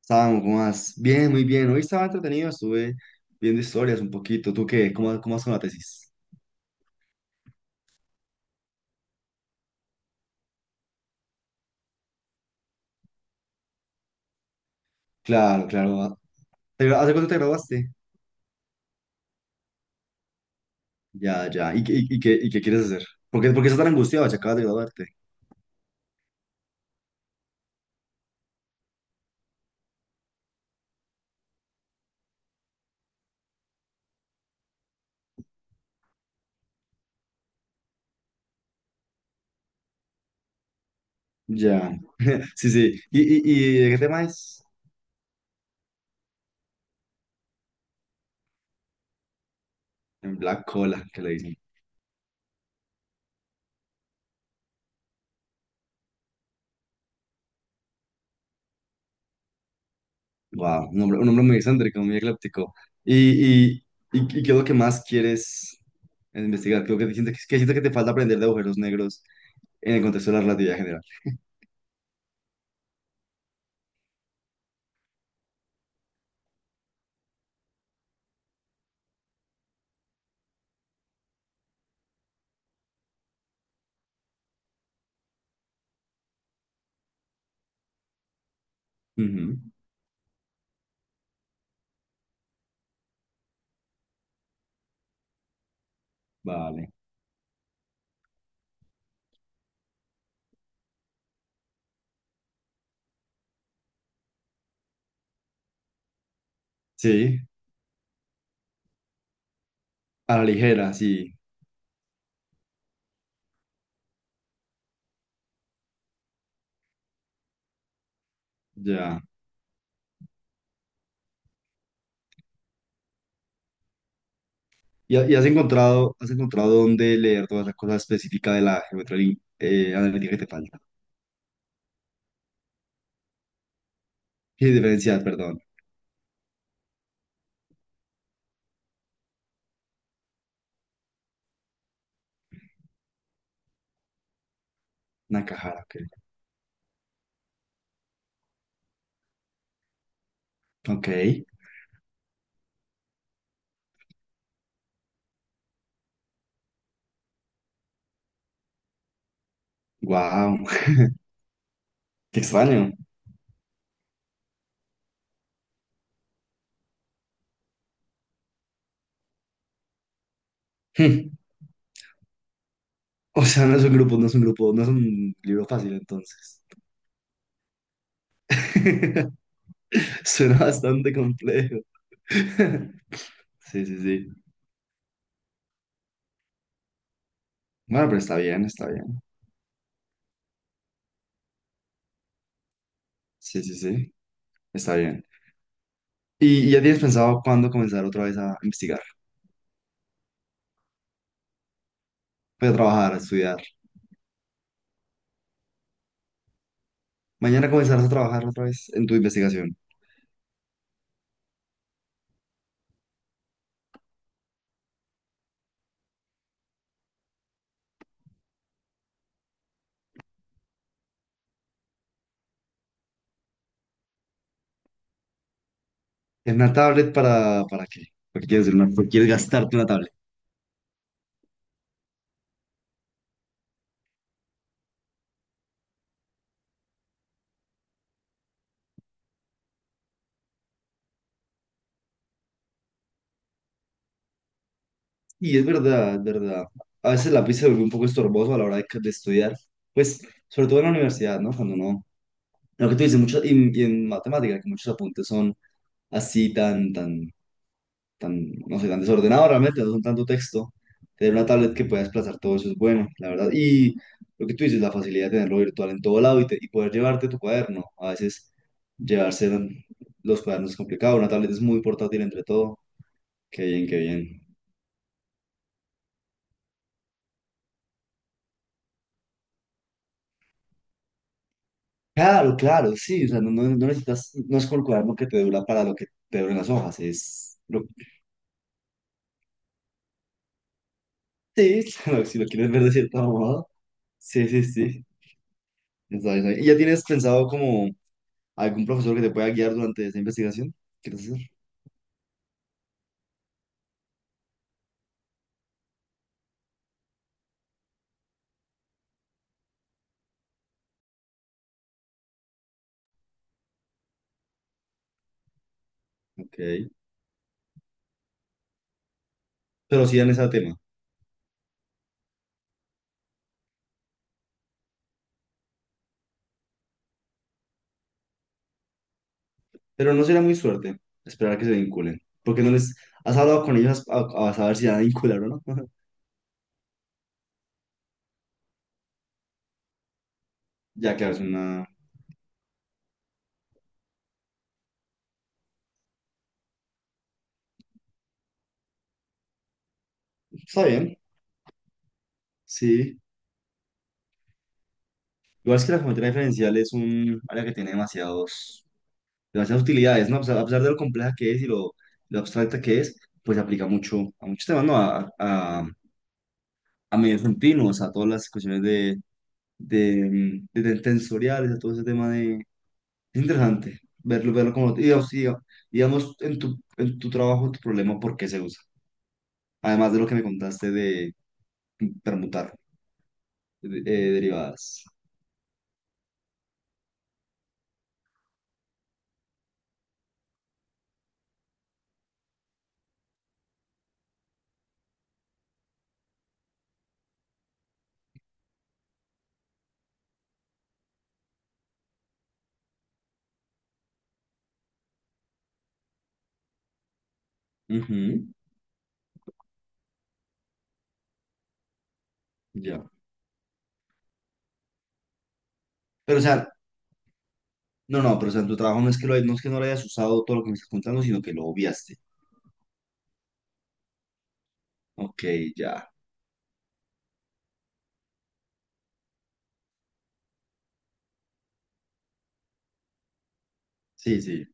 Estaban más. Bien, muy bien. Hoy estaba entretenido, estuve viendo historias un poquito. ¿Tú qué? ¿Cómo vas con la tesis? Claro, claro. ¿Te- ¿Hace cuánto te graduaste? Ya, ya. ¿Y, qué- y qué quieres hacer? ¿Por qué estás tan angustiado si acabas de graduarte? Ya. Sí, sí. ¿Y, y de qué tema es? En Black Cola, que le dicen. Wow, un nombre muy excéntrico, muy ecléptico. ¿Y, y, y qué es lo que más quieres investigar? Creo que sientes que te falta aprender de agujeros negros en el contexto de la relatividad general. Ujú. Vale. Sí, a la ligera, sí, ya. ¿Y, ha- y has encontrado dónde leer todas las cosas específicas de la geometría lin- analítica que te falta? Y diferencial, perdón. Nakahara, ok. Ok, wow, qué extraño. Hmm. O sea, no es un libro fácil entonces. Suena bastante complejo. Sí, sí, sí. Bueno, pero está bien, está bien. Sí, sí, sí, está bien. Y ya tienes pensado cuándo comenzar otra vez a investigar? Voy a trabajar, a estudiar. Mañana comenzarás a trabajar otra vez en tu investigación. ¿En una tablet para qué? Porque quieres, hacer una, por qué quieres gastarte una tablet. Y es verdad, es verdad. A veces el lápiz se vuelve un poco estorboso a la hora de estudiar. Pues, sobre todo en la universidad, ¿no? Cuando no. Lo que tú dices, mucho, y en matemáticas, que muchos apuntes son así tan, no sé, tan desordenado realmente, no son tanto texto. Tener una tablet que pueda desplazar todo eso es bueno, la verdad. Y lo que tú dices, la facilidad de tenerlo virtual en todo lado y, te- y poder llevarte tu cuaderno. A veces llevarse los cuadernos es complicado, una tablet es muy portátil entre todo. Qué bien, qué bien. Claro, claro, sí, o sea, no necesitas, no es como el cuaderno que te dura para lo que te duran las hojas, es... lo- sí, claro, si lo quieres ver de cierto modo. Sí, sí, sí. Está bien, está bien. ¿Y ya tienes pensado como algún profesor que te pueda guiar durante esta investigación? ¿Quieres hacer? Ok. Pero sí dan ese tema. Pero no será muy suerte esperar a que se vinculen. Porque no les... ¿Has hablado con ellos a saber si van a vincular o no? Ya, claro, es una... Está bien, sí. Igual es que la geometría diferencial es un área que tiene demasiados, demasiadas utilidades, ¿no? O sea, a pesar de lo compleja que es y lo abstracta que es, pues se aplica mucho a muchos temas, ¿no? A medios continuos, a todas las cuestiones de, de tensoriales, a todo ese tema de. Es interesante verlo, verlo como, y, o sea, digamos, en tu trabajo, tu problema, ¿por qué se usa? Además de lo que me contaste de permutar de- derivadas. Ujú, ya. Pero, o sea, no, no, pero o sea, en tu trabajo no es que lo, hay- no es que no lo hayas usado todo lo que me estás contando, sino que lo obviaste. Ok, ya. Sí, sí.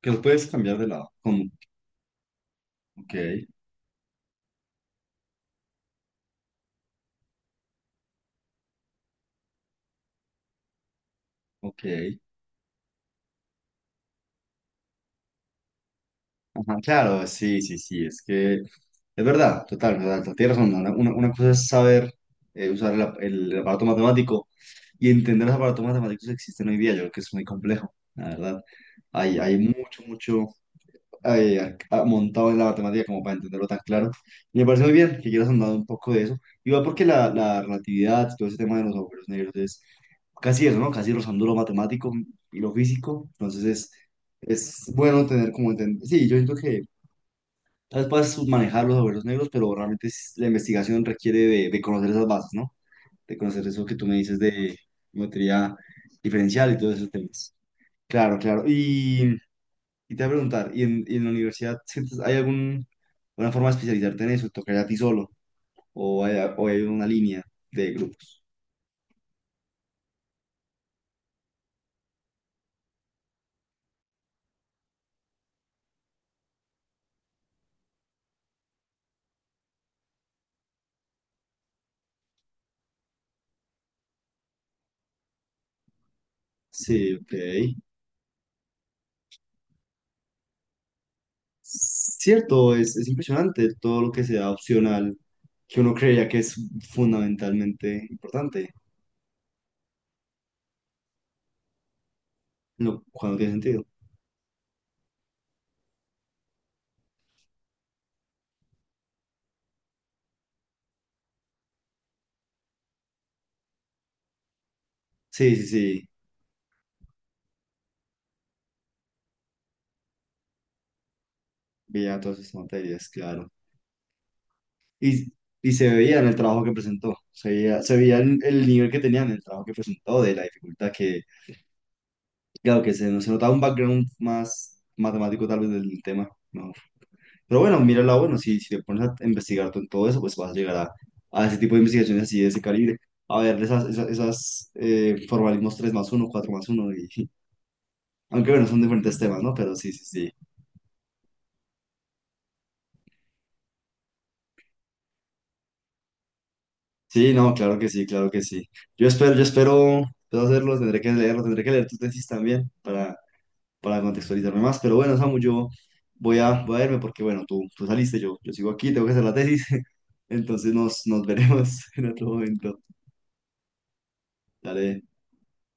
Que lo puedes cambiar de lado. Como, ok, ok. Ajá, claro, sí, sí, sí, es que es verdad, total, total, total, tienes razón. Una cosa es saber usar el, ap- el aparato matemático y entender los aparatos matemáticos que existen hoy día. Yo creo que es muy complejo, la verdad. Hay mucho ac- ah, montado en la matemática como para entenderlo tan claro. Y me parece muy bien que quieras andar un poco de eso. Igual porque la relatividad, todo ese tema de los agujeros negros es casi eso, ¿no? Casi rozando lo matemático y lo físico. Entonces es bueno tener como entender. Sí, yo siento que. Tal vez puedas manejar los agujeros negros, pero realmente es- la investigación requiere de conocer esas bases, ¿no? De conocer eso que tú me dices de geometría diferencial y todos esos temas. Claro, claro. Y te voy a preguntar, y en la universidad sientes, hay algún, alguna forma de especializarte en eso? ¿Tocaría a ti solo? O hay una línea de grupos? Sí, ok. Cierto, es impresionante todo lo que sea opcional, que uno creía que es fundamentalmente importante, lo cual no tiene sentido. Sí, sí, sí. Veía todas sus materias, claro. Y, y se veía en el trabajo que presentó, se veía el nivel que tenía en el trabajo que presentó, de la dificultad que, claro, que se notaba un background más matemático tal vez del tema, ¿no? Pero bueno, mira la bueno, si, si te pones a investigar tú en todo eso, pues vas a llegar a ese tipo de investigaciones así de ese calibre, a ver esas, esas formalismos 3+1 4+1 y, aunque bueno, son diferentes temas, ¿no? Pero sí, sí, sí. Sí, no, claro que sí, claro que sí. Yo espero, espero hacerlo, tendré que leerlo, tendré que leer tu tesis también para contextualizarme más. Pero bueno, Samu, yo voy a, voy a irme porque, bueno, tú saliste, yo sigo aquí, tengo que hacer la tesis. Entonces nos, nos veremos en otro momento. Dale.